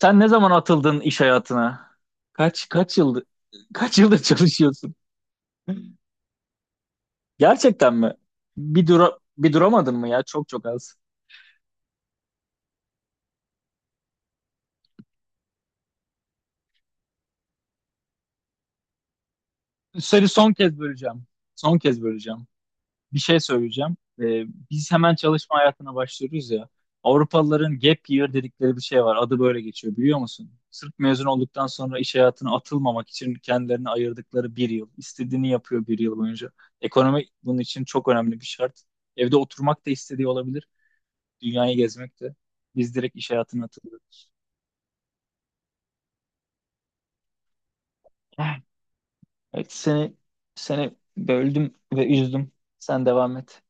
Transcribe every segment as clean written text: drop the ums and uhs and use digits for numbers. Sen ne zaman atıldın iş hayatına? Kaç kaç yıldır kaç yıldır çalışıyorsun? Gerçekten mi? Bir duramadın mı ya? Çok çok az. Seni son kez böleceğim. Son kez böleceğim. Bir şey söyleyeceğim. Biz hemen çalışma hayatına başlıyoruz ya. Avrupalıların gap year dedikleri bir şey var. Adı böyle geçiyor biliyor musun? Sırf mezun olduktan sonra iş hayatına atılmamak için kendilerine ayırdıkları bir yıl. İstediğini yapıyor bir yıl boyunca. Ekonomi bunun için çok önemli bir şart. Evde oturmak da istediği olabilir. Dünyayı gezmekti. Biz direkt iş hayatına atıldık. Evet, seni böldüm ve üzdüm. Sen devam et.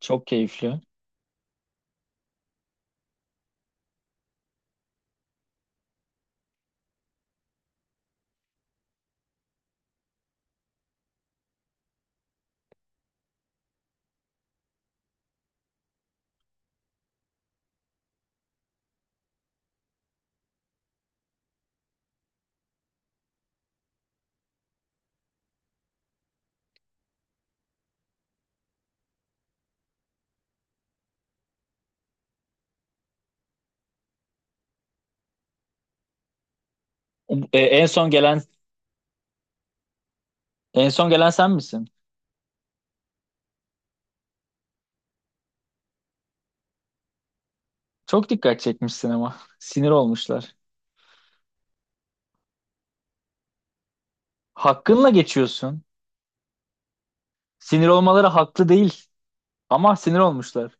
Çok keyifli. Um, E, en son gelen en son gelen sen misin? Çok dikkat çekmişsin ama. Sinir olmuşlar. Hakkınla geçiyorsun. Sinir olmaları haklı değil. Ama sinir olmuşlar.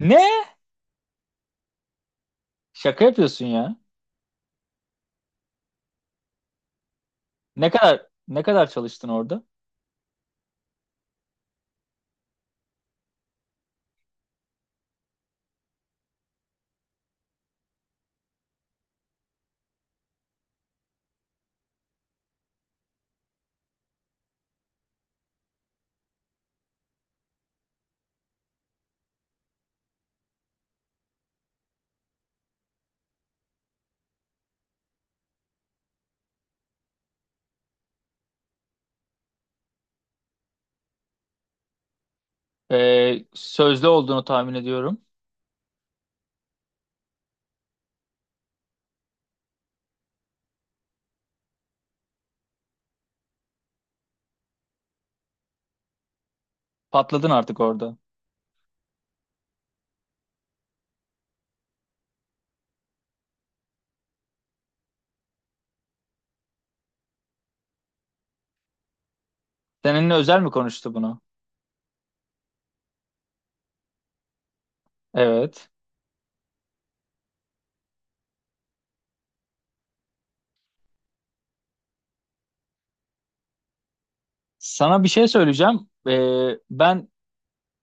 Ne? Şaka yapıyorsun ya. Ne kadar çalıştın orada? Sözlü olduğunu tahmin ediyorum. Patladın artık orada. Seninle özel mi konuştu bunu? Evet. Sana bir şey söyleyeceğim. Ben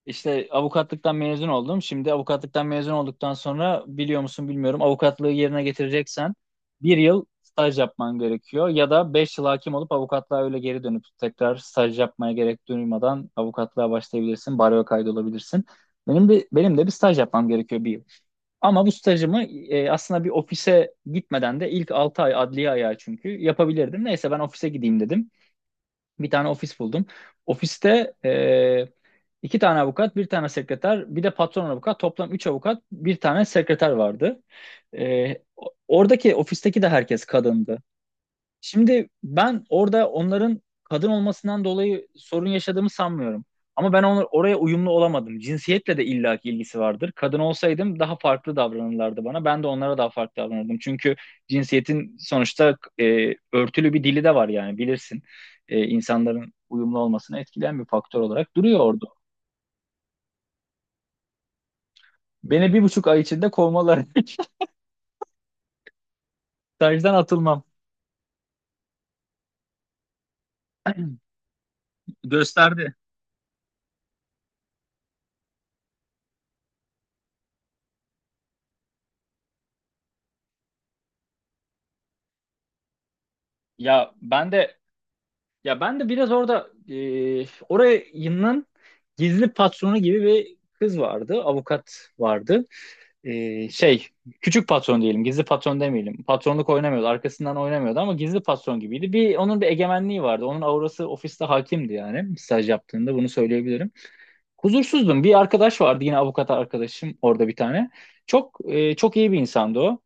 işte avukatlıktan mezun oldum. Şimdi avukatlıktan mezun olduktan sonra biliyor musun bilmiyorum avukatlığı yerine getireceksen bir yıl staj yapman gerekiyor. Ya da 5 yıl hakim olup avukatlığa öyle geri dönüp tekrar staj yapmaya gerek duymadan avukatlığa başlayabilirsin. Baroya kaydolabilirsin. Benim bir, benim de bir staj yapmam gerekiyor bir yıl. Ama bu stajımı aslında bir ofise gitmeden de ilk 6 ay adliye ayağı çünkü yapabilirdim. Neyse ben ofise gideyim dedim. Bir tane ofis buldum. Ofiste iki tane avukat, bir tane sekreter, bir de patron avukat. Toplam üç avukat, bir tane sekreter vardı. Oradaki ofisteki de herkes kadındı. Şimdi ben orada onların kadın olmasından dolayı sorun yaşadığımı sanmıyorum. Ama ben onu, oraya uyumlu olamadım. Cinsiyetle de illaki ilgisi vardır. Kadın olsaydım daha farklı davranırlardı bana. Ben de onlara daha farklı davranırdım. Çünkü cinsiyetin sonuçta örtülü bir dili de var yani bilirsin. İnsanların uyumlu olmasını etkileyen bir faktör olarak duruyor orada. Beni 1,5 ay içinde kovmaları. Stajdan atılmam. Gösterdi. Ya ben de Ya ben de biraz orada orayının gizli patronu gibi bir kız vardı. Avukat vardı. Şey, küçük patron diyelim. Gizli patron demeyelim. Patronluk oynamıyordu. Arkasından oynamıyordu ama gizli patron gibiydi. Bir, onun bir egemenliği vardı. Onun aurası ofiste hakimdi yani. Staj yaptığında bunu söyleyebilirim. Huzursuzdum. Bir arkadaş vardı yine avukat arkadaşım orada bir tane. Çok iyi bir insandı o.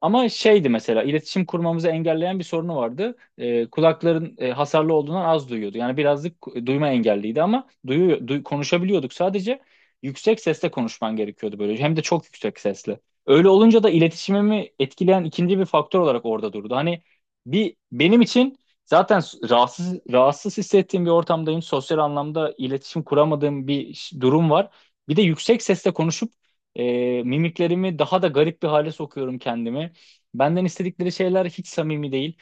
Ama şeydi mesela iletişim kurmamızı engelleyen bir sorunu vardı. Kulakların hasarlı olduğundan az duyuyordu. Yani birazcık duyma engelliydi ama konuşabiliyorduk sadece. Yüksek sesle konuşman gerekiyordu böyle. Hem de çok yüksek sesle. Öyle olunca da iletişimimi etkileyen ikinci bir faktör olarak orada durdu. Hani bir benim için zaten rahatsız rahatsız hissettiğim bir ortamdayım. Sosyal anlamda iletişim kuramadığım bir durum var. Bir de yüksek sesle konuşup mimiklerimi daha da garip bir hale sokuyorum kendimi. Benden istedikleri şeyler hiç samimi değil.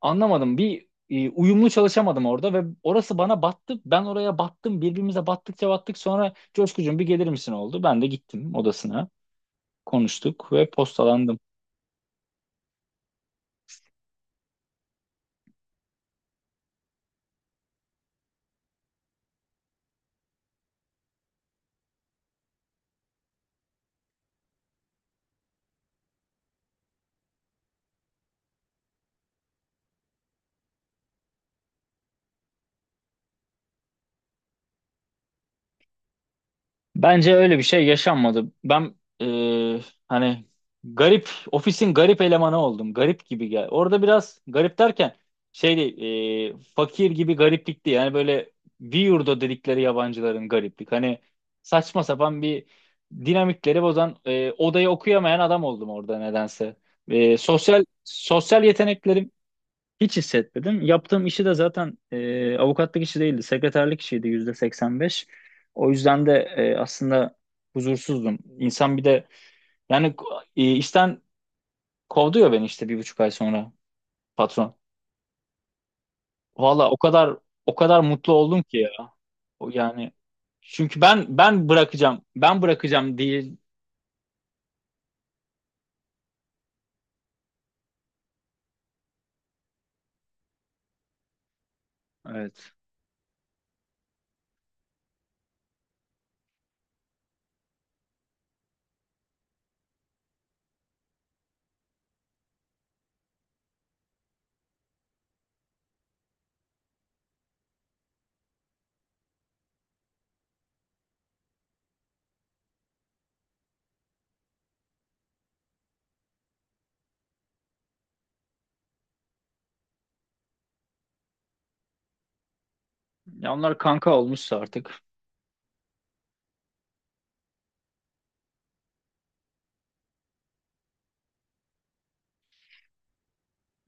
Anlamadım. Bir uyumlu çalışamadım orada ve orası bana battı. Ben oraya battım. Birbirimize battıkça battık. Sonra Coşkucuğum bir gelir misin oldu. Ben de gittim odasına. Konuştuk ve postalandım. Bence öyle bir şey yaşanmadı. Ben e, hani garip ofisin garip elemanı oldum. Garip gibi gel. Orada biraz garip derken şey değil, fakir gibi gariplikti. Yani böyle yurda dedikleri yabancıların gariplik. Hani saçma sapan bir dinamikleri bozan odayı okuyamayan adam oldum orada nedense. Sosyal yeteneklerim hiç hissetmedim. Yaptığım işi de zaten avukatlık işi değildi. Sekreterlik işiydi %85. O yüzden de aslında huzursuzdum. İnsan bir de yani işten kovduyor beni işte 1,5 ay sonra patron. Valla o kadar o kadar mutlu oldum ki ya. O Yani çünkü ben ben bırakacağım. Ben bırakacağım değil. Evet. Ya onlar kanka olmuşsa artık.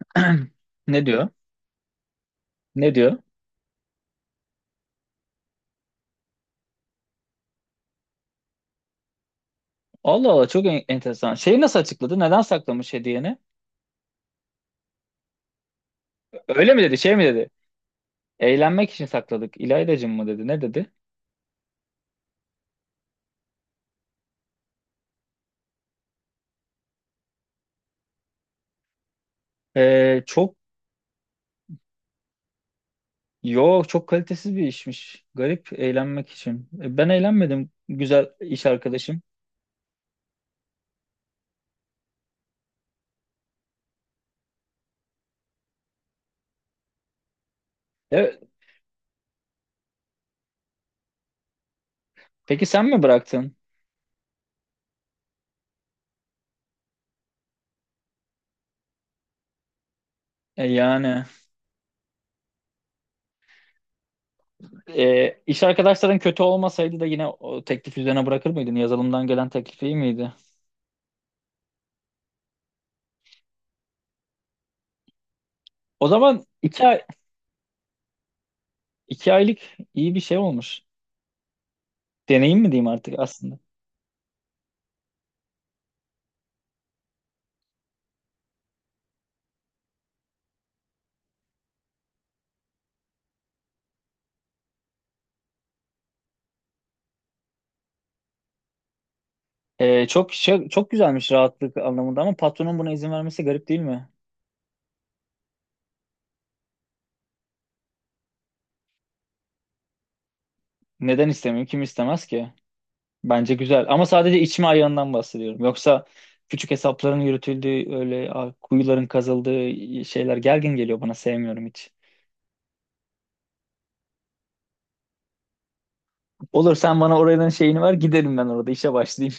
Ne diyor? Ne diyor? Allah Allah çok enteresan. Şeyi nasıl açıkladı? Neden saklamış hediyeni? Öyle mi dedi? Şey mi dedi? Eğlenmek için sakladık. İlaydacım mı dedi? Ne dedi? Çok Yo, çok kalitesiz bir işmiş. Garip eğlenmek için. Ben eğlenmedim güzel iş arkadaşım. E, peki sen mi bıraktın? Yani iş arkadaşların kötü olmasaydı da yine o teklif üzerine bırakır mıydın? Yazılımdan gelen teklif iyi miydi? O zaman 2 ay, 2 aylık iyi bir şey olmuş. Deneyim mi diyeyim artık aslında. Çok güzelmiş rahatlık anlamında ama patronun buna izin vermesi garip değil mi? Neden istemiyorum? Kim istemez ki? Bence güzel. Ama sadece içme ayağından bahsediyorum. Yoksa küçük hesapların yürütüldüğü, öyle kuyuların kazıldığı şeyler gergin geliyor bana. Sevmiyorum hiç. Olur sen bana oranın şeyini ver giderim ben orada işe başlayayım.